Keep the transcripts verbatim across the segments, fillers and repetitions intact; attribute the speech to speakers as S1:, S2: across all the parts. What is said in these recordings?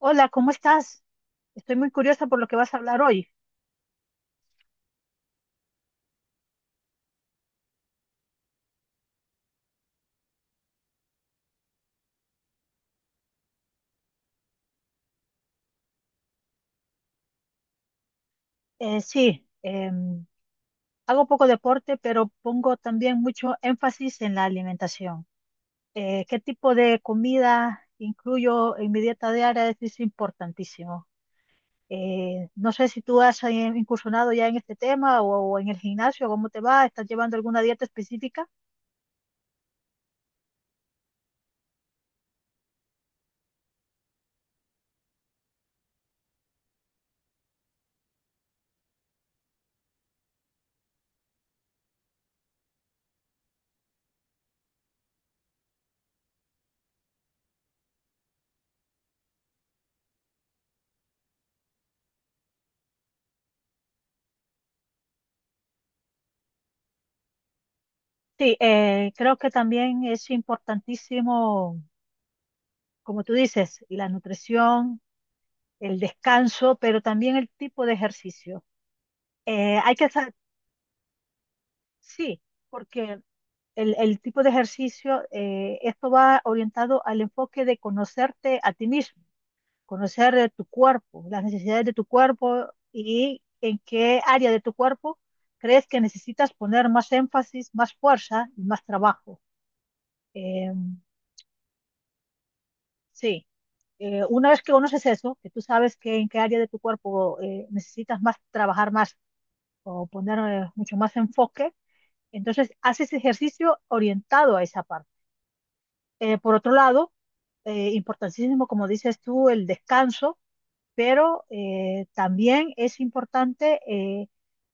S1: Hola, ¿cómo estás? Estoy muy curiosa por lo que vas a hablar hoy. Eh, sí, em, Hago poco deporte, pero pongo también mucho énfasis en la alimentación. Eh, ¿qué tipo de comida incluyo en mi dieta diaria? Es, es importantísimo. Eh, no sé si tú has eh, incursionado ya en este tema o, o en el gimnasio, ¿cómo te va? ¿Estás llevando alguna dieta específica? Sí, eh, creo que también es importantísimo, como tú dices, la nutrición, el descanso, pero también el tipo de ejercicio. Eh, hay que saber, sí, porque el, el tipo de ejercicio, eh, esto va orientado al enfoque de conocerte a ti mismo, conocer eh, tu cuerpo, las necesidades de tu cuerpo y en qué área de tu cuerpo crees que necesitas poner más énfasis, más fuerza y más trabajo. Eh, sí, Eh, una vez que conoces eso, que tú sabes que en qué área de tu cuerpo eh, necesitas más trabajar más o poner eh, mucho más enfoque. Entonces, haces ejercicio orientado a esa parte. Eh, por otro lado, eh, importantísimo, como dices tú, el descanso, pero eh, también es importante, eh,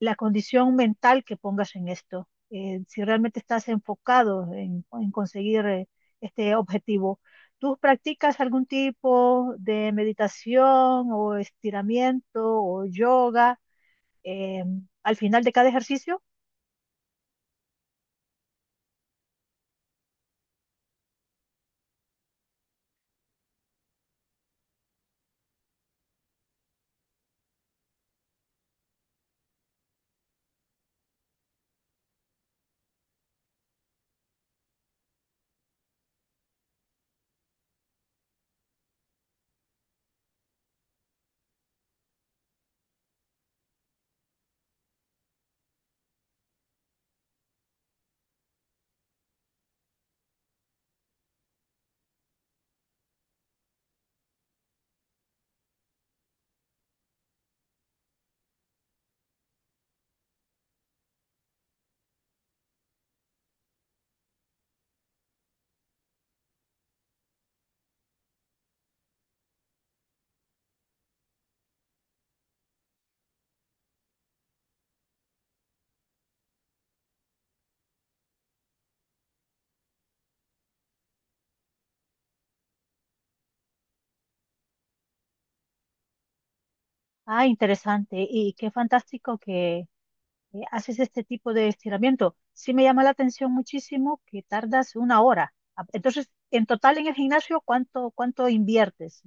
S1: la condición mental que pongas en esto. Eh, si realmente estás enfocado en, en conseguir eh, este objetivo, ¿tú practicas algún tipo de meditación o estiramiento o yoga eh, al final de cada ejercicio? Ah, interesante. Y qué fantástico que eh, haces este tipo de estiramiento. Sí, me llama la atención muchísimo que tardas una hora. Ah. Entonces, en total en el gimnasio, ¿cuánto, cuánto inviertes?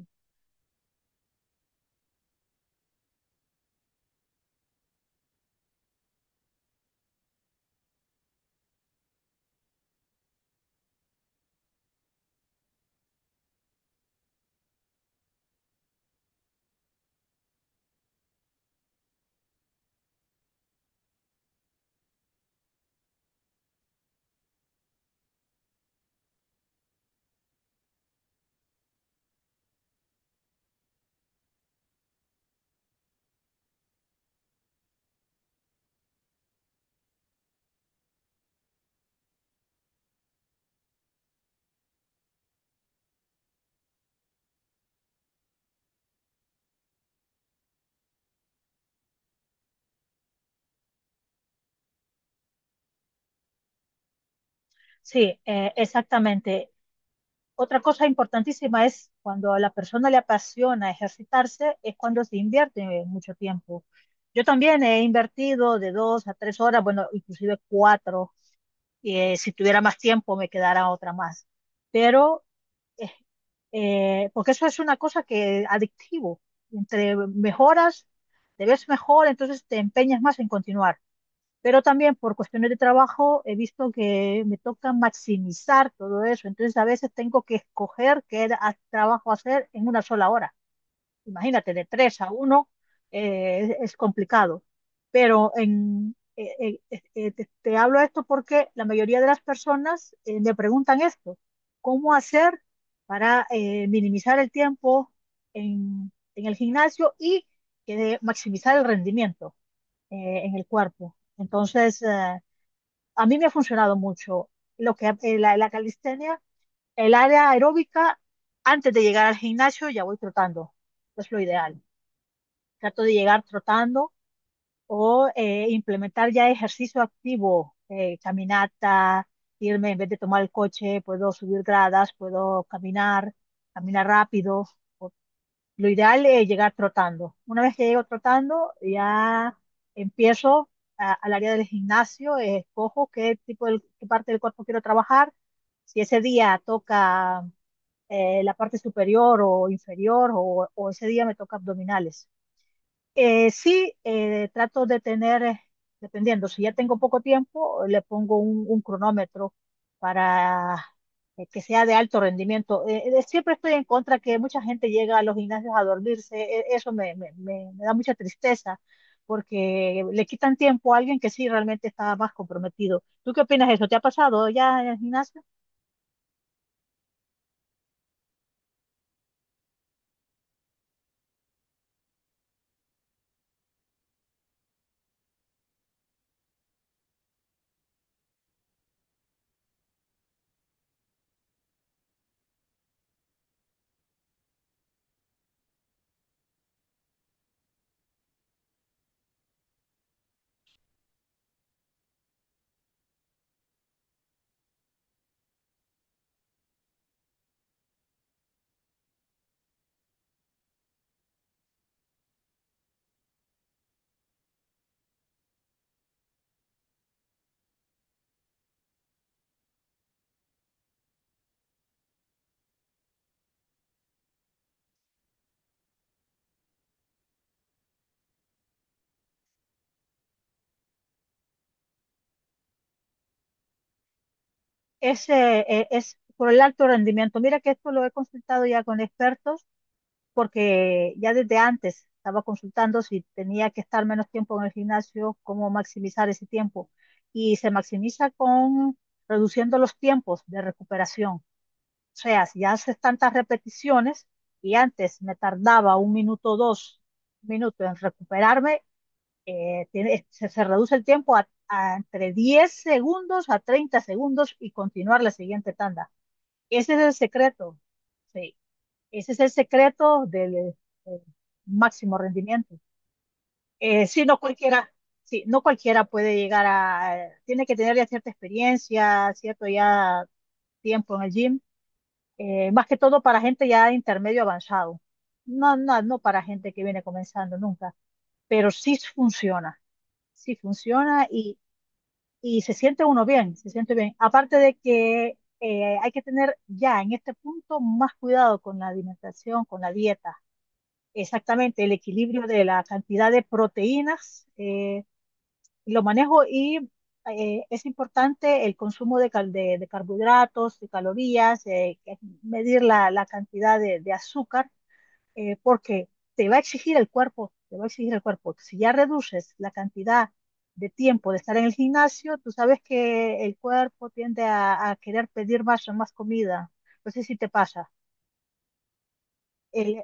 S1: Sí, eh, exactamente. Otra cosa importantísima es cuando a la persona le apasiona ejercitarse, es cuando se invierte mucho tiempo. Yo también he invertido de dos a tres horas, bueno, inclusive cuatro. Eh, si tuviera más tiempo, me quedara otra más, pero eh, eh, porque eso es una cosa que adictivo. Entre mejoras, te ves mejor, entonces te empeñas más en continuar. Pero también por cuestiones de trabajo he visto que me toca maximizar todo eso. Entonces a veces tengo que escoger qué era- trabajo hacer en una sola hora, imagínate, de tres a uno. Eh, es complicado. Pero en, eh, eh, eh, te, te hablo de esto porque la mayoría de las personas eh, me preguntan esto, ¿cómo hacer para eh, minimizar el tiempo en, en el gimnasio y eh, maximizar el rendimiento eh, en el cuerpo? Entonces, eh, a mí me ha funcionado mucho lo que eh, la, la calistenia, el área aeróbica. Antes de llegar al gimnasio ya voy trotando, es lo ideal, trato de llegar trotando o eh, implementar ya ejercicio activo, eh, caminata, irme en vez de tomar el coche, puedo subir gradas, puedo caminar, caminar rápido. O- lo ideal es llegar trotando. Una vez que llego trotando, ya empiezo a- al área del gimnasio, eh, escojo qué tipo del- qué parte del cuerpo quiero trabajar. Si ese día toca eh, la parte superior o inferior o, o ese día me toca abdominales. Eh, sí, eh, Trato de tener, eh, dependiendo, si ya tengo poco tiempo, le pongo un, un cronómetro para eh, que sea de alto rendimiento. Eh, eh, siempre estoy en contra que mucha gente llega a los gimnasios a dormirse. E- eso me, me- me- me da mucha tristeza porque le quitan tiempo a alguien que sí realmente está más comprometido. ¿Tú qué opinas de eso? ¿Te ha pasado ya en el gimnasio? Es, eh, eh, es por el alto rendimiento. Mira que esto lo he consultado ya con expertos porque ya desde antes estaba consultando si tenía que estar menos tiempo en el gimnasio, cómo maximizar ese tiempo. Y se maximiza con reduciendo los tiempos de recuperación. O sea, si haces tantas repeticiones y antes me tardaba un minuto, dos minutos en recuperarme, eh, tiene- se, se reduce el tiempo a, a entre diez segundos a treinta segundos y continuar la siguiente tanda. Ese es el secreto. Sí. Ese es el secreto del eh, máximo rendimiento. Eh, sí, no cualquiera, sí, no cualquiera puede llegar a, eh, tiene que tener ya cierta experiencia, cierto ya tiempo en el gym, eh, más que todo para gente ya de intermedio avanzado. No, no, no, para gente que viene comenzando nunca, pero sí funciona, sí funciona y, y se siente uno bien, se siente bien. Aparte de que eh, hay que tener ya en este punto más cuidado con la alimentación, con la dieta. Exactamente, el equilibrio de la cantidad de proteínas, eh, lo manejo. Y eh, es importante el consumo de, cal- de- de carbohidratos, de calorías, eh, que- medir la, la cantidad de, de azúcar, eh, porque te va a exigir el cuerpo, te va a exigir el cuerpo. Si ya reduces la cantidad de tiempo de estar en el gimnasio, tú sabes que el cuerpo tiende a, a querer pedir más, más comida. No sé si te pasa. El,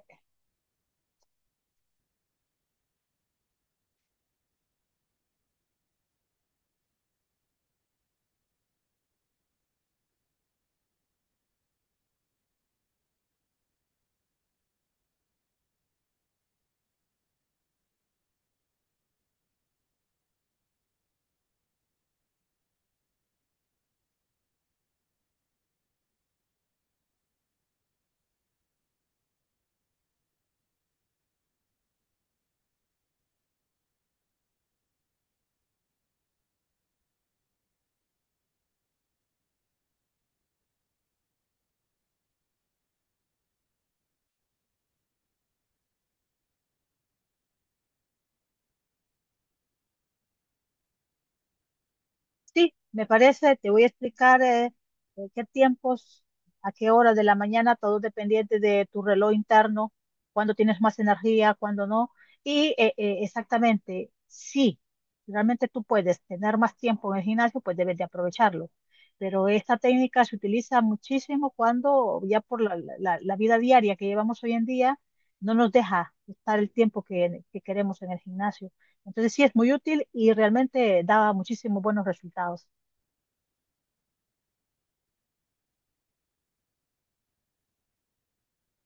S1: sí, me parece, te voy a explicar eh, eh, qué tiempos, a qué horas de la mañana, todo dependiente de tu reloj interno, cuándo tienes más energía, cuándo no. Y eh, eh, exactamente, sí, realmente tú puedes tener más tiempo en el gimnasio, pues debes de aprovecharlo. Pero esta técnica se utiliza muchísimo cuando ya por la, la- la vida diaria que llevamos hoy en día no nos deja estar el tiempo que que queremos en el gimnasio. Entonces sí, es muy útil y realmente daba muchísimos buenos resultados.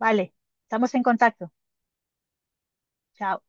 S1: Vale, estamos en contacto. Chao.